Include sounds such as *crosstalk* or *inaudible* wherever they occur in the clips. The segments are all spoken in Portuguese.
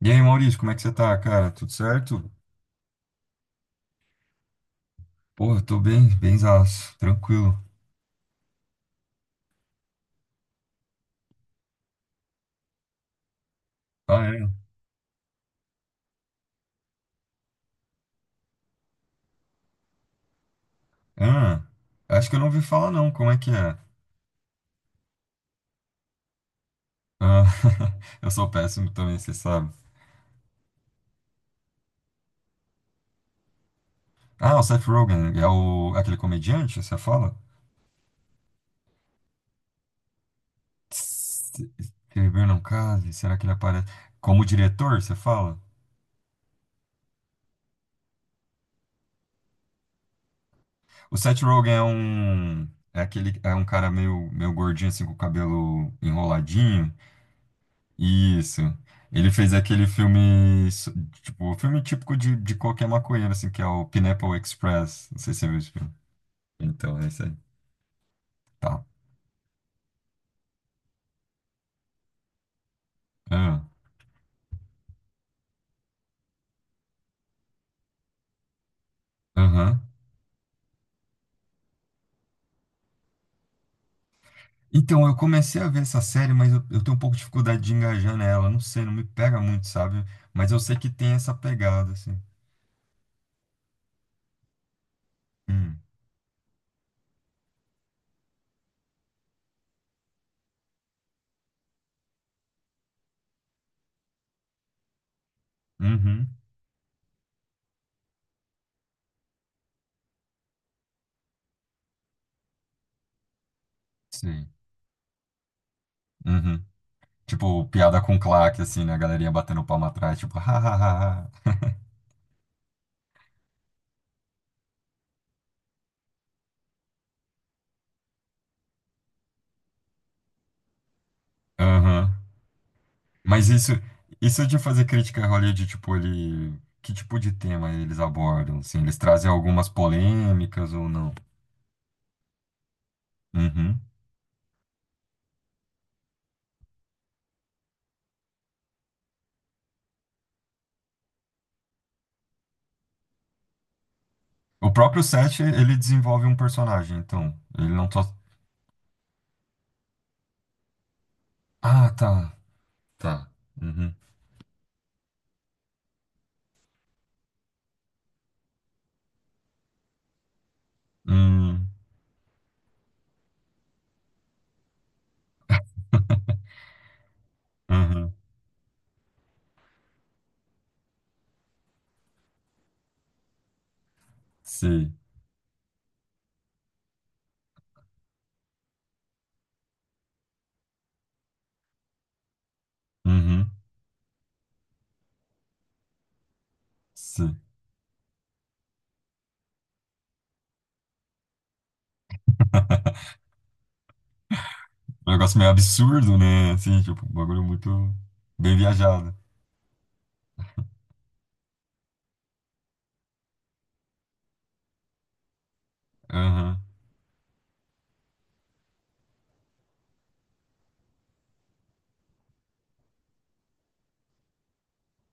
E aí, Maurício, como é que você tá, cara? Tudo certo? Porra, tô bem, benzaço, tranquilo. Ah, é? Ah, acho que eu não ouvi falar não, como é que é? Ah, *laughs* eu sou péssimo também, você sabe. Ah, o Seth Rogen, é o, aquele comediante, você fala? Se Beber não case, será que ele aparece? Como diretor, você fala? O Seth Rogen é um, é aquele, é um cara meio, meio gordinho, assim, com o cabelo enroladinho. Isso. Ele fez aquele filme, tipo, o filme típico de qualquer maconheiro, assim, que é o Pineapple Express. Não sei se você viu esse filme. Então, é isso aí. Tá. Ah, aham. Então, eu comecei a ver essa série, mas eu tenho um pouco de dificuldade de engajar nela. Não sei, não me pega muito, sabe? Mas eu sei que tem essa pegada, assim. Hum. Uhum. Sim. Uhum. Tipo, piada com claque, assim, né? A galerinha batendo palma atrás, tipo, *laughs* ha, ha, ha, ha. Aham. Mas isso de fazer crítica a Hollywood, tipo, ele, que tipo de tema eles abordam, assim, eles trazem algumas polêmicas ou não? Uhum. O próprio Seth, ele desenvolve um personagem, então, ele não só... Ah, tá, tá. Uhum. Hum, uhum. Sei. Uhum. Sei. É um negócio meio absurdo, né? Assim, tipo, um bagulho muito bem viajado. Uhum.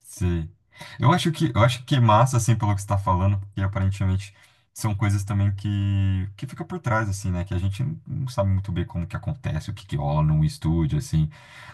Sim. Eu acho que é massa assim pelo que você está falando, porque aparentemente são coisas também que fica por trás assim, né, que a gente não sabe muito bem como que acontece, o que que rola num estúdio assim,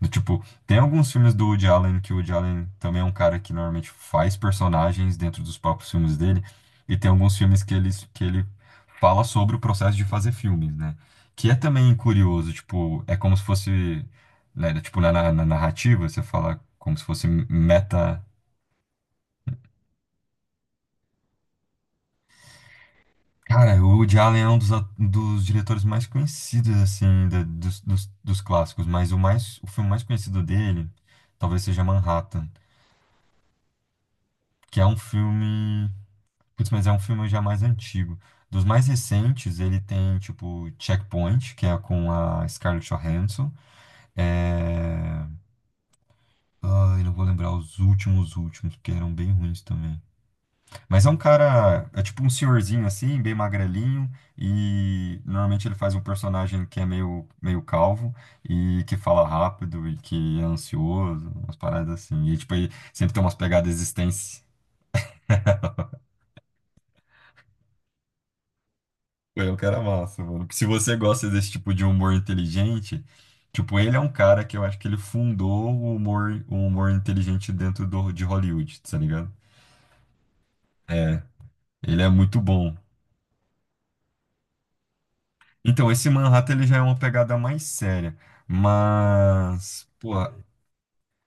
do tipo, tem alguns filmes do Woody Allen que o Woody Allen também é um cara que normalmente faz personagens dentro dos próprios filmes dele, e tem alguns filmes que ele fala sobre o processo de fazer filmes, né? Que é também curioso, tipo, é como se fosse né, tipo, na narrativa, você fala como se fosse meta. Cara, o Woody Allen é um dos, dos diretores mais conhecidos, assim, dos clássicos, mas o mais, o filme mais conhecido dele talvez seja Manhattan, que é um filme, putz, mas é um filme já mais antigo. Dos mais recentes, ele tem, tipo, Checkpoint, que é com a Scarlett Johansson. É... Ai, não vou lembrar os últimos, porque eram bem ruins também. Mas é um cara, é tipo um senhorzinho assim, bem magrelinho, e normalmente ele faz um personagem que é meio, meio calvo e que fala rápido e que é ansioso, umas paradas assim. E tipo, ele sempre tem umas pegadas existências. Pô, é um cara massa, mano. Porque se você gosta desse tipo de humor inteligente, tipo, ele é um cara que eu acho que ele fundou o humor inteligente dentro do, de Hollywood, tá ligado? Ele é muito bom. Então, esse Manhattan ele já é uma pegada mais séria. Mas, pô,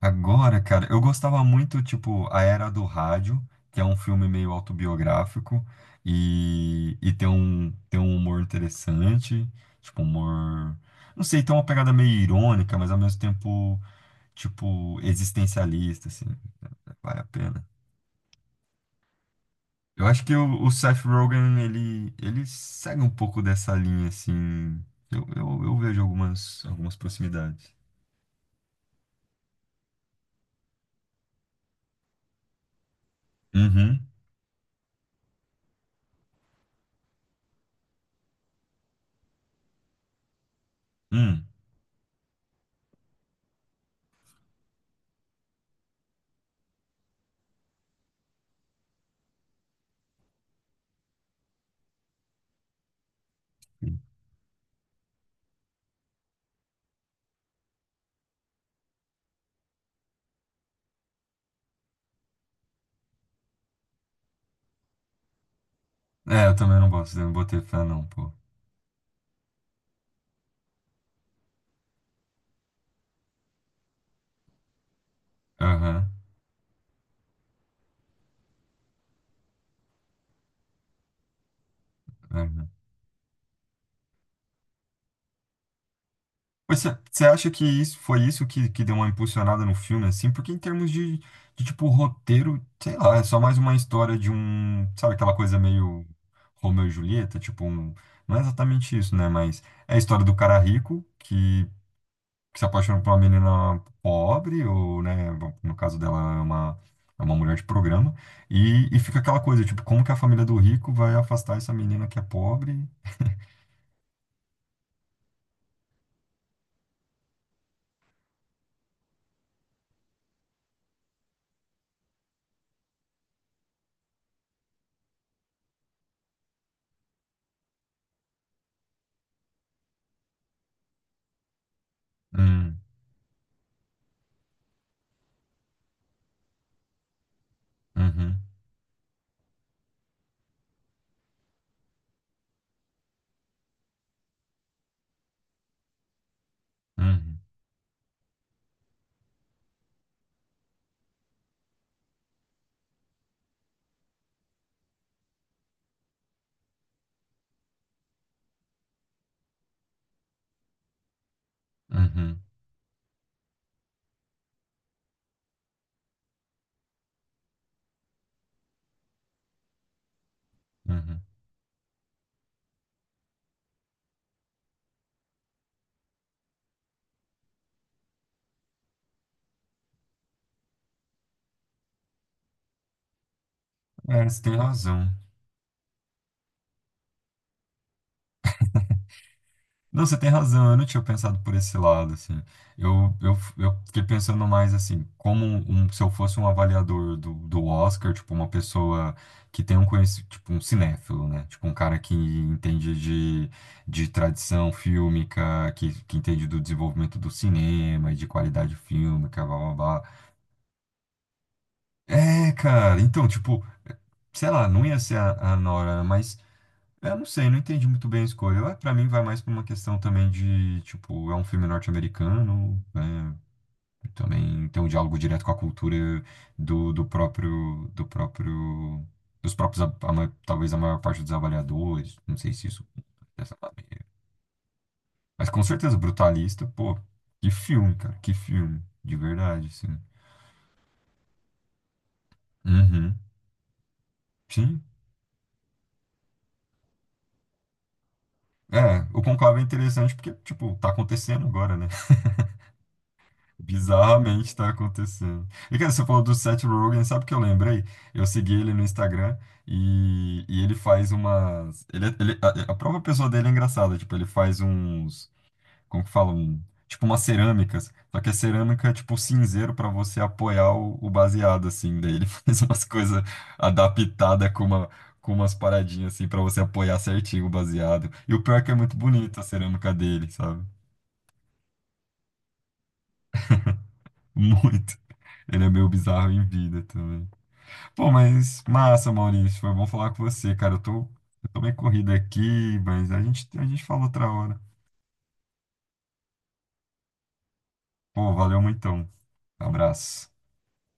agora, cara, eu gostava muito, tipo, A Era do Rádio, que é um filme meio autobiográfico e, e tem um humor interessante, tipo, humor. Não sei, tem uma pegada meio irônica, mas ao mesmo tempo, tipo, existencialista, assim, vale a pena. Eu acho que o Seth Rogen, ele segue um pouco dessa linha, assim. Eu vejo algumas, algumas proximidades. Uhum. Hum. É, eu também não gosto, eu não botei fé, não, pô. Aham. Uhum. Mas você acha que isso foi isso que deu uma impulsionada no filme, assim? Porque em termos de, tipo, roteiro, sei lá, é só mais uma história de um, sabe, aquela coisa meio Romeu e Julieta, tipo, não é exatamente isso, né? Mas é a história do cara rico que se apaixona por uma menina pobre, ou, né, bom, no caso dela é uma mulher de programa, e fica aquela coisa, tipo, como que a família do rico vai afastar essa menina que é pobre? Hum, uhum, uhum, uhum, uhum. É, você tem razão. Não, você tem razão, eu não tinha pensado por esse lado, assim. Eu fiquei pensando mais, assim, como um, se eu fosse um avaliador do Oscar, tipo, uma pessoa que tem um conhecimento, tipo, um cinéfilo, né? Tipo, um cara que entende de tradição fílmica, que entende do desenvolvimento do cinema e de qualidade fílmica, blá, blá, blá. É, cara, então, tipo, sei lá, não ia ser a Nora, mas... Eu não sei, não entendi muito bem a escolha. Eu, pra mim vai mais pra uma questão também de, tipo, é um filme norte-americano, né? Também tem um diálogo direto com a cultura do, do próprio, dos próprios, talvez a maior parte dos avaliadores, não sei se isso, dessa maneira. Mas com certeza, Brutalista, pô, que filme, cara, que filme, de verdade, assim. Uhum, sim. É, o Conclave é interessante porque, tipo, tá acontecendo agora, né? Bizarramente tá acontecendo. E cara, você falou do Seth Rogen, sabe o que eu lembrei? Eu segui ele no Instagram e ele faz umas. Ele, é, a própria pessoa dele é engraçada, tipo, ele faz uns. Como que fala? Um, tipo, umas cerâmicas. Só que a cerâmica é tipo cinzeiro pra você apoiar o baseado, assim. Daí ele *laughs* faz umas coisas adaptadas com uma. Com umas paradinhas assim pra você apoiar certinho o baseado. E o pior é que é muito bonito a cerâmica dele, sabe? *laughs* Muito. Ele é meio bizarro em vida também. Pô, mas massa, Maurício. Foi bom falar com você, cara. Eu tô meio corrido aqui, mas a gente fala outra hora. Pô, valeu muito. Então. Abraço.